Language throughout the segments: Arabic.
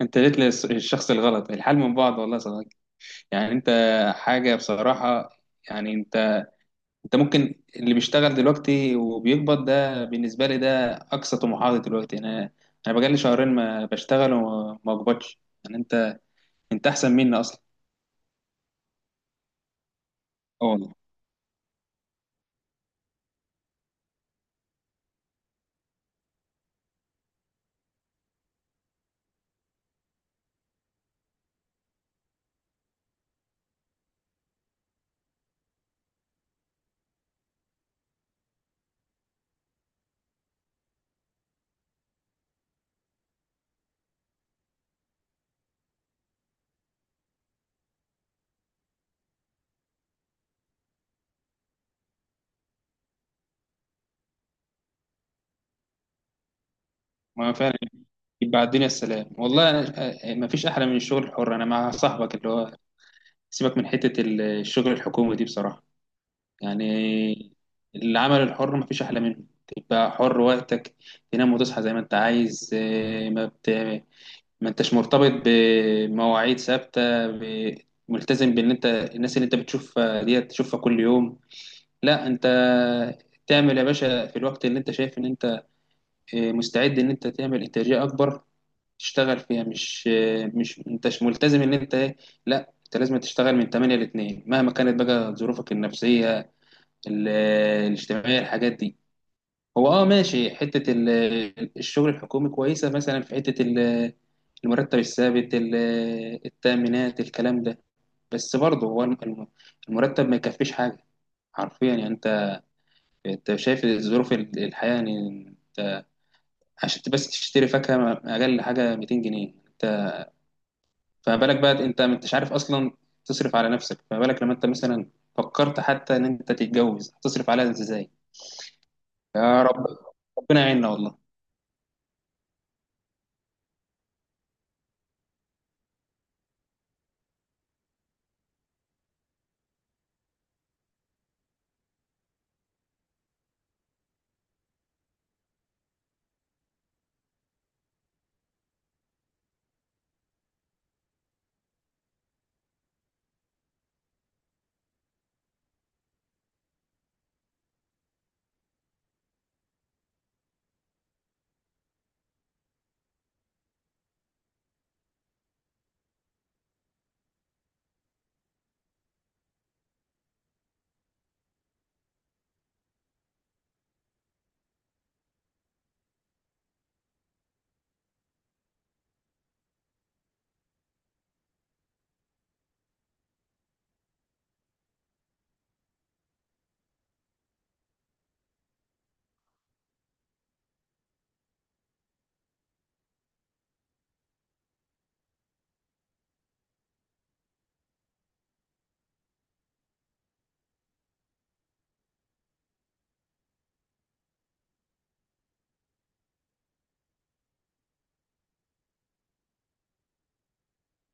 انت جيت للشخص الغلط. الحال من بعض والله يا صديقي. يعني انت حاجه بصراحه. يعني انت انت ممكن اللي بيشتغل دلوقتي وبيقبض ده، بالنسبه لي ده اقصى طموحاتي دلوقتي. انا بقالي شهرين ما بشتغل وما بقبضش. يعني انت انت احسن مني اصلا. اه والله. ما فعلا، يبقى على الدنيا السلام. ما فيش احلى من الشغل الحر. انا مع صاحبك اللي هو، سيبك من حته الشغل الحكومي دي بصراحه. يعني العمل الحر مفيش أحلى منه. تبقى حر وقتك، تنام وتصحى زي ما أنت عايز. ما أنتش مرتبط بمواعيد ثابتة. ملتزم بإن أنت الناس اللي أنت بتشوفها ديت تشوفها كل يوم. لا، أنت تعمل يا باشا في الوقت اللي أنت شايف إن أنت آه، مستعد إن أنت تعمل إنتاجية أكبر تشتغل فيها. مش أنتش ملتزم إن أنت لا أنت لازم تشتغل من 8 ل 2 مهما كانت بقى ظروفك النفسية، ال- الاجتماعية، الحاجات دي. هو اه ماشي، حتة الشغل الحكومي كويسة مثلا، في حتة المرتب الثابت، التأمينات، الكلام ده. بس برضه هو المرتب ما يكفيش حاجة. حرفيا، انت شايف ظروف الحياة. يعني انت عشان بس تشتري فاكهة اقل حاجة 200 جنيه. انت فما بالك بقى، انت ما انتش عارف اصلا تصرف على نفسك، فما بالك لما انت مثلا فكرت حتى ان انت تتجوز تصرف عليها ازاي؟ يا رب، ربنا يعيننا والله.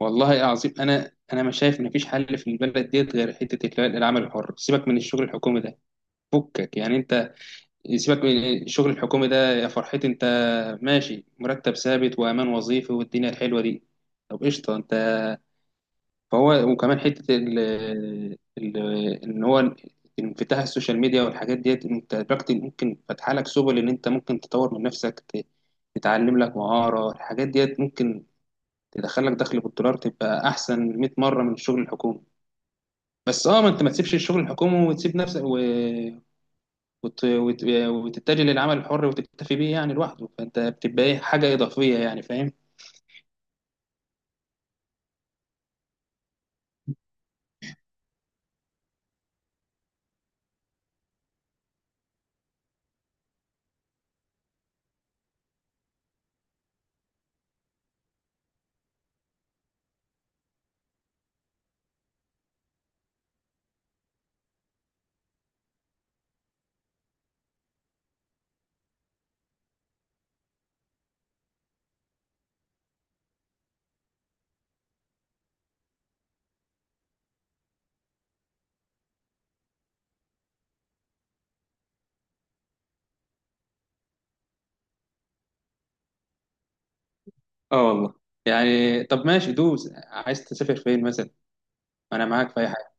والله عظيم، انا مش شايف ان فيش حل في البلد ديت غير حته اللي هو العمل الحر. سيبك من الشغل الحكومي ده، فكك. يعني انت سيبك من الشغل الحكومي ده يا فرحتي. انت ماشي مرتب ثابت وامان وظيفي والدنيا الحلوه دي. طب قشطه. انت فهو وكمان حته ال ال ان هو انفتاح السوشيال ميديا والحاجات ديت، انت دلوقتي ممكن فاتحه لك سبل ان انت ممكن تطور من نفسك، تتعلم لك مهاره. الحاجات ديت ممكن تدخلك دخل بالدولار، تبقى احسن 100 مره من الشغل الحكومي. بس اه، ما انت ما تسيبش الشغل الحكومي وتسيب نفسك وت... وت... وتتجه للعمل الحر وتكتفي بيه يعني لوحده. فانت بتبقى ايه، حاجه اضافيه يعني، فاهم؟ اه والله. يعني طب ماشي دوس، عايز تسافر فين مثلا؟ انا معاك في اي حاجه.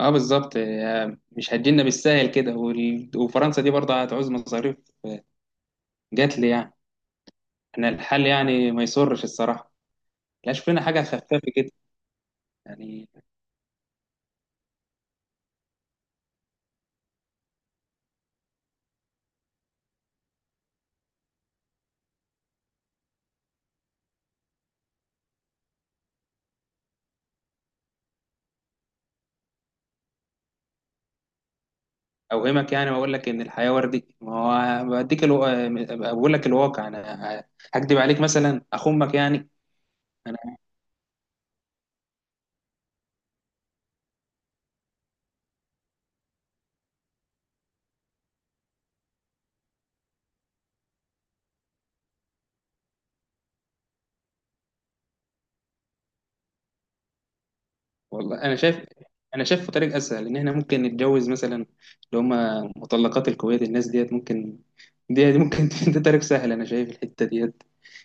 اه بالظبط. مش هتجينا بالساهل كده. وفرنسا دي برضه هتعوز مصاريف، جات لي يعني. احنا الحل يعني ما يسرش الصراحه. لا، شوف لنا حاجه خفافه كده. يعني اوهمك يعني واقول لك ان الحياه وردي؟ ما هو بديك الو... آه، بقول لك الواقع. انا هكدب عليك مثلا، اخمك يعني؟ انا والله، انا شايف طريق اسهل، ان احنا ممكن نتجوز مثلا اللي هم مطلقات الكويت. الناس ديت ممكن، دي ممكن ده طريق سهل انا شايف، الحته ديت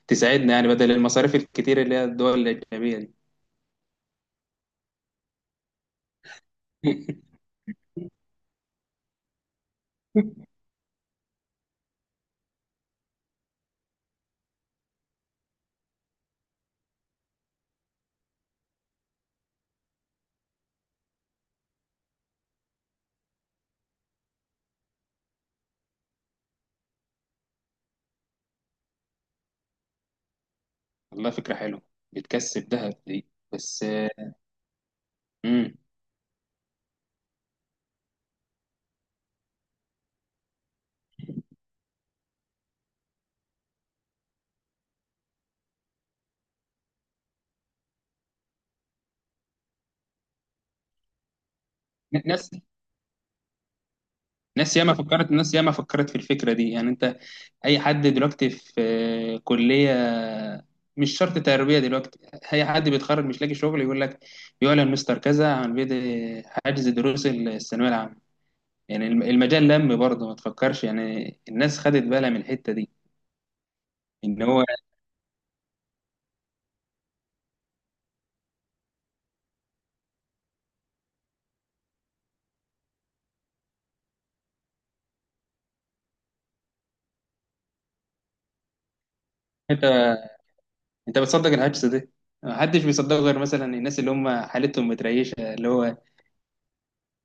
تساعدنا يعني بدل المصاريف الكتير اللي هي الدول الاجنبيه دي. والله فكره حلوه، بتكسب دهب دي. بس آه، مم. ناس ناس ياما فكرت في الفكره دي. يعني انت اي حد دلوقتي في كليه، مش شرط تربيه دلوقتي، اي حد بيتخرج مش لاقي شغل يقول لك يعلن مستر كذا عن بدء حجز دروس الثانويه العامه. يعني المجال لم برضه، ما تفكرش يعني الناس خدت بالها من الحته دي. ان هو انت انت بتصدق الحجز ده؟ محدش بيصدقه غير مثلا الناس اللي هم حالتهم متريشه، اللي هو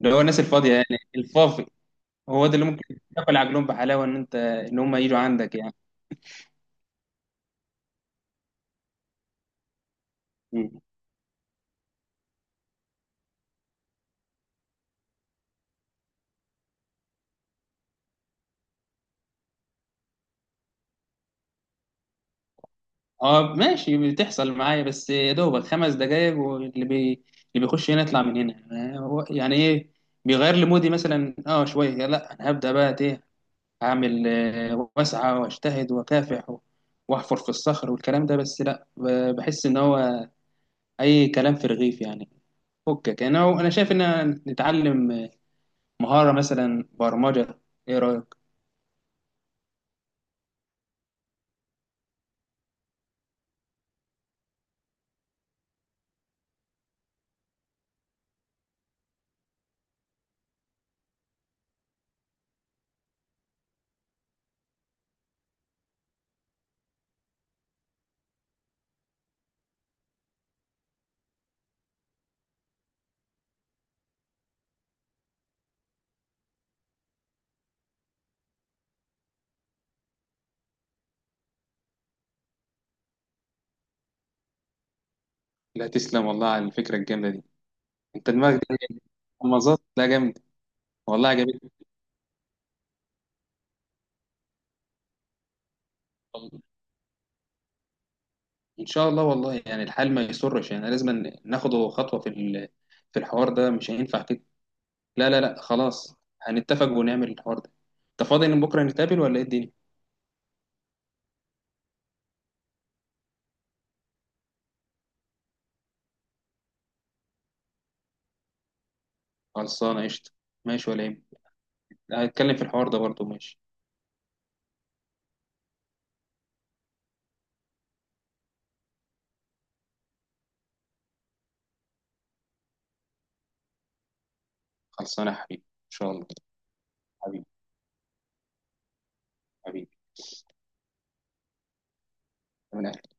اللي هو الناس الفاضيه يعني، الفافي. هو ده اللي ممكن تاكل عجلهم بحلاوه، ان انت، ان هم يجوا عندك. يعني اه ماشي، بتحصل معايا بس يا دوبك خمس دقايق. اللي بيخش هنا يطلع من هنا. آه، هو- يعني ايه بيغير لي مودي مثلا اه شويه. لا، انا هبدا بقى، ايه، اعمل، واسعى واجتهد واكافح واحفر في الصخر والكلام ده. بس لا، بحس ان هو اي كلام في رغيف يعني. فكك، انا شايف ان نتعلم مهاره مثلا برمجه، ايه رايك؟ لا تسلم والله على الفكره الجامده دي. انت دماغك دي مظبط، لا جامد. والله عجبتني. ان شاء الله. والله يعني الحال ما يسرش يعني لازم ناخده خطوه في الحوار ده. مش هينفع كده، لا لا لا خلاص. هنتفق ونعمل الحوار ده. انت فاضي ان بكره نتقابل ولا ايه الدنيا؟ خلصانه قشطه، ماشي ولا ايه؟ هنتكلم في الحوار ده برضه، ماشي. خلصانه يا حبيبي ان شاء الله. حبيبي، حبيبي، من